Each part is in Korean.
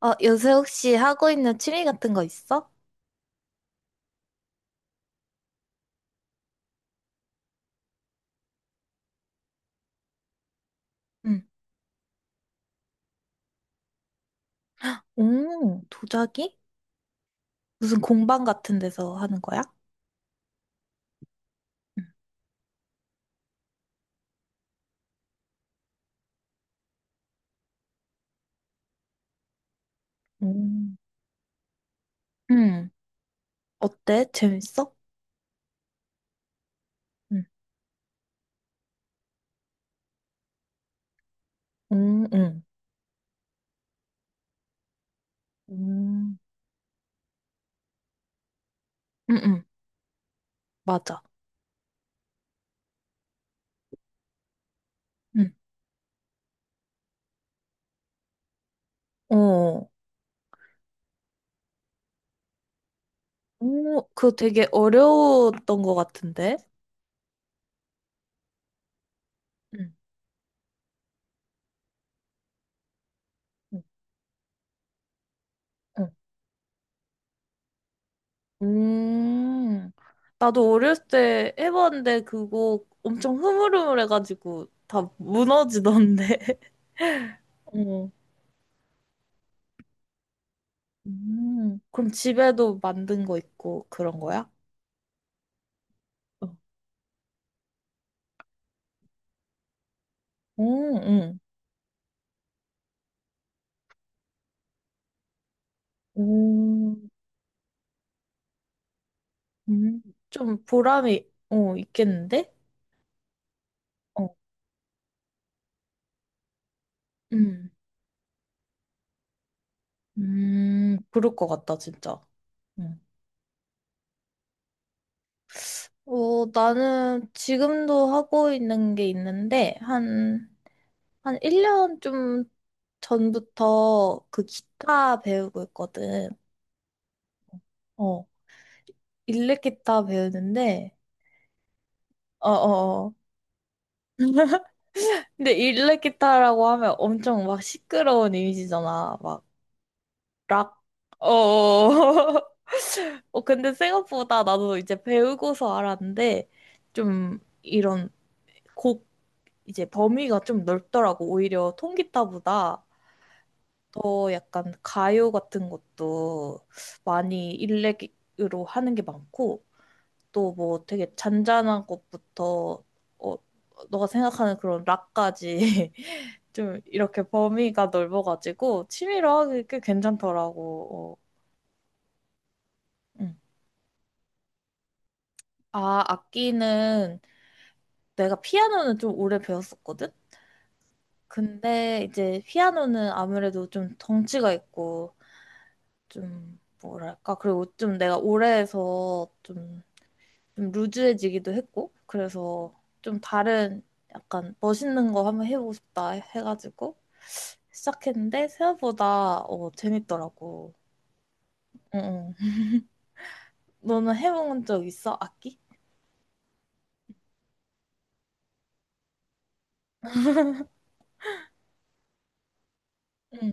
요새 혹시 하고 있는 취미 같은 거 있어? 응, 오, 도자기? 무슨 공방 같은 데서 하는 거야? 응, 오. 응. 어때? 재밌어? 응, 응, 응. 응. 응, 응. 맞아. 응, 어. 오, 그거 되게 어려웠던 것 같은데? 응, 응, 응. 음. 나도 어렸을 때 해봤는데 그거 엄청 흐물흐물해가지고 다 무너지던데. 어. 그럼 집에도 만든 거 있고 그런 거야? 어. 오, 응. 오, 음, 좀 보람이 있겠는데? 어. 음, 그럴 것 같다, 진짜. 음. 나는 지금도 하고 있는 게 있는데, 한 1년 좀 전부터 그 기타 배우고 있거든. 어, 일렉 기타 배우는데, 어어어. 근데 일렉 기타라고 하면 엄청 막 시끄러운 이미지잖아. 막 락. 어. 근데 생각보다 나도 이제 배우고서 알았는데 좀 이런 곡 이제 범위가 좀 넓더라고. 오히려 통기타보다 더 약간 가요 같은 것도 많이 일렉으로 하는 게 많고 또 뭐 되게 잔잔한 것부터 어, 너가 생각하는 그런 락까지 좀 이렇게 범위가 넓어가지고 취미로 하기 꽤 괜찮더라고. 어, 응. 아, 악기는 내가 피아노는 좀 오래 배웠었거든? 근데 이제 피아노는 아무래도 좀 덩치가 있고 좀 뭐랄까 그리고 좀 내가 오래 해서 좀 루즈해지기도 했고 그래서 좀 다른 약간 멋있는 거 한번 해보고 싶다 해가지고 시작했는데 생각보다 재밌더라고. 응, 응. 너는 해본 적 있어? 악기? 응,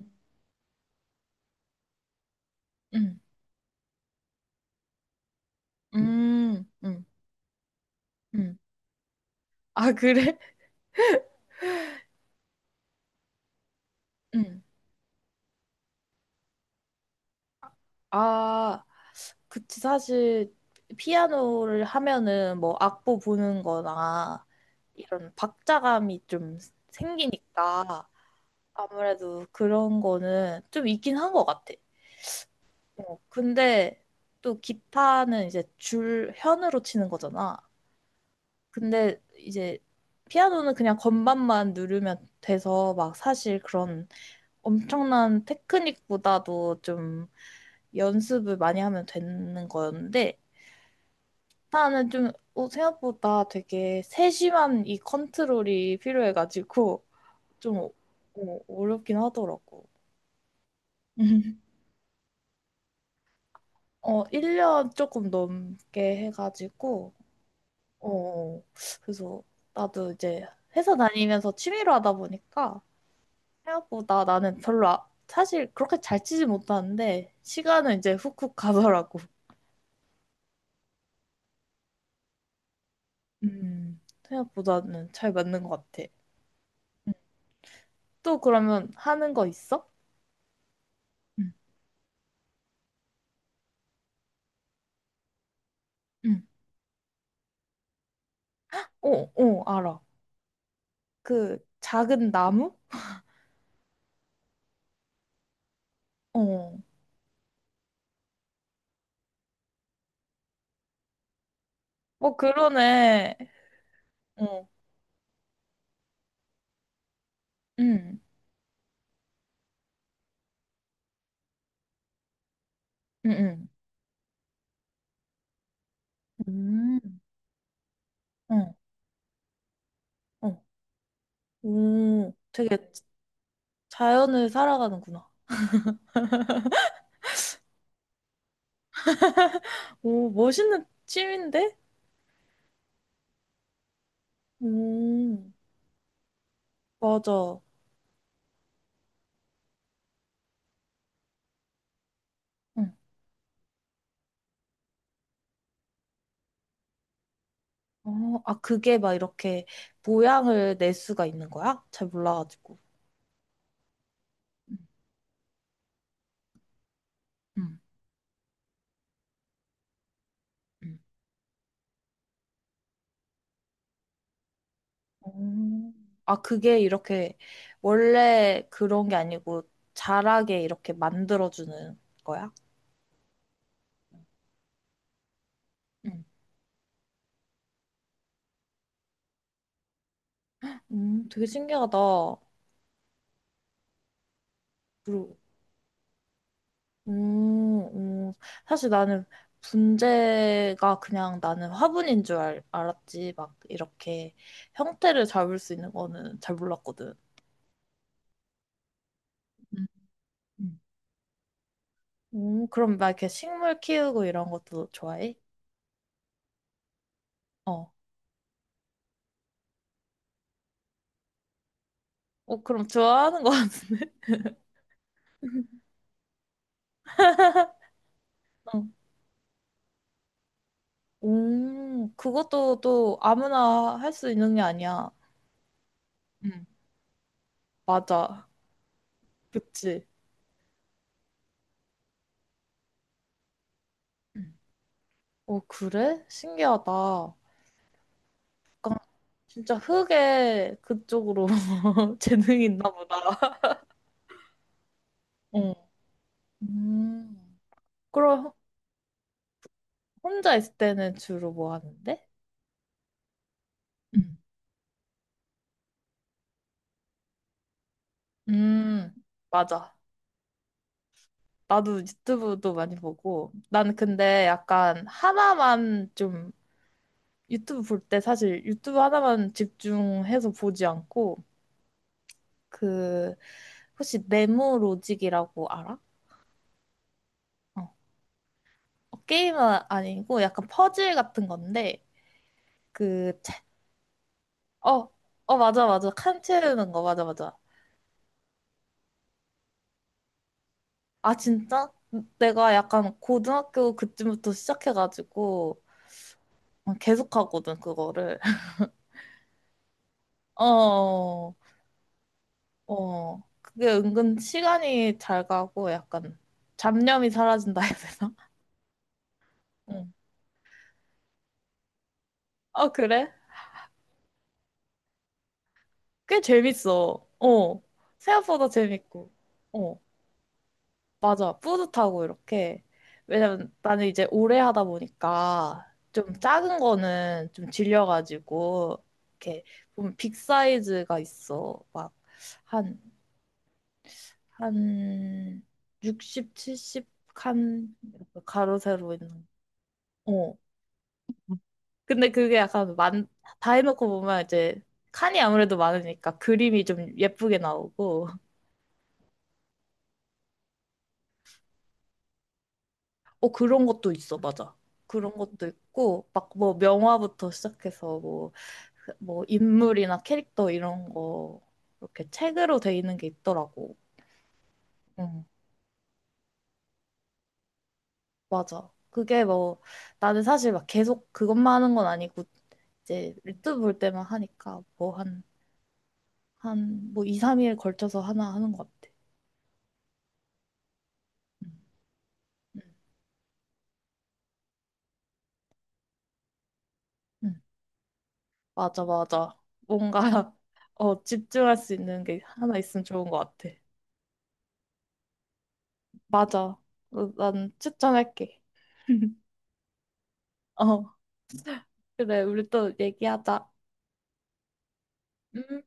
응, 응, 응. 아, 그래? 응. 아, 그치. 사실, 피아노를 하면은 뭐 악보 보는 거나 이런 박자감이 좀 생기니까 아무래도 그런 거는 좀 있긴 한 것 같아. 근데 또 기타는 이제 줄, 현으로 치는 거잖아. 근데 이제 피아노는 그냥 건반만 누르면 돼서 막 사실 그런 엄청난 테크닉보다도 좀 연습을 많이 하면 되는 거였는데 나는 좀 생각보다 되게 세심한 이 컨트롤이 필요해가지고 좀 어렵긴 하더라고. 1년 조금 넘게 해가지고 어, 그래서 나도 이제 회사 다니면서 취미로 하다 보니까 생각보다 나는 별로 사실 그렇게 잘 치지 못하는데 시간은 이제 훅훅 가더라고. 생각보다는 잘 맞는 것 같아. 음. 또 그러면 하는 거 있어? 응, 응. 어, 어, 알아. 그 작은 나무? 어, 어, 그러네. 어, 응, 응, 응. 음. 어, 어. 오, 되게 자연을 살아가는구나. 오, 멋있는 취미인데? 오, 맞아. 응. 어, 아, 그게 막 이렇게 모양을 낼 수가 있는 거야? 잘 몰라가지고. 응, 응, 응. 음. 아, 그게 이렇게 원래 그런 게 아니고 자라게 이렇게 만들어주는 거야? 응. 되게 신기하다. 그리고, 음, 음, 사실 나는 분재가 그냥 나는 화분인 줄 알았지. 막 이렇게 형태를 잡을 수 있는 거는 잘 몰랐거든. 음, 음. 그럼 막 이렇게 식물 키우고 이런 것도 좋아해? 어. 그럼 좋아하는 거 같은데? 그것도 또 아무나 할 수 있는 게 아니야. 응, 맞아. 그치? 응. 그래? 신기하다. 약간 진짜 흙에 그쪽으로 재능이 있나 보다. 어, 음, 그럼 혼자 있을 때는 주로 뭐 하는데? 응, 음, 맞아. 나도 유튜브도 많이 보고. 난 근데 약간 하나만 좀 유튜브 볼 때 사실 유튜브 하나만 집중해서 보지 않고 그 혹시 네모로직이라고 알아? 어. 게임은 아니고 약간 퍼즐 같은 건데 그 채- 어, 어 맞아 맞아 칸 채우는 거 맞아 맞아 아 진짜? 내가 약간 고등학교 그쯤부터 시작해가지고 계속 하거든 그거를 어, 어 그게 은근 시간이 잘 가고 약간 잡념이 사라진다 해야 되나? 응. 아 그래? 꽤 재밌어 생각보다 재밌고 어. 맞아. 뿌듯하고 이렇게. 왜냐면 나는 이제 오래 하다 보니까 좀 작은 거는 좀 질려가지고 이렇게 보면 빅 사이즈가 있어. 막 한, 한 60, 70칸 가로 세로 있는. 어. 근데 그게 약간 다 해놓고 보면 이제 칸이 아무래도 많으니까 그림이 좀 예쁘게 나오고. 그런 것도 있어. 맞아. 그런 것도 있고 막 뭐 명화부터 시작해서 뭐 그뭐 인물이나 캐릭터 이런 거 이렇게 책으로 돼 있는 게 있더라고. 응, 맞아. 그게 뭐 나는 사실 막 계속 그것만 하는 건 아니고 이제 유튜브 볼 때만 하니까 뭐 한, 뭐 2, 3일 걸쳐서 하나 하는 것 같아. 응, 응, 응. 맞아, 맞아. 뭔가 집중할 수 있는 게 하나 있으면 좋은 것 같아. 맞아. 난 추천할게. 어, 그래, 우리 또 얘기하자. 음.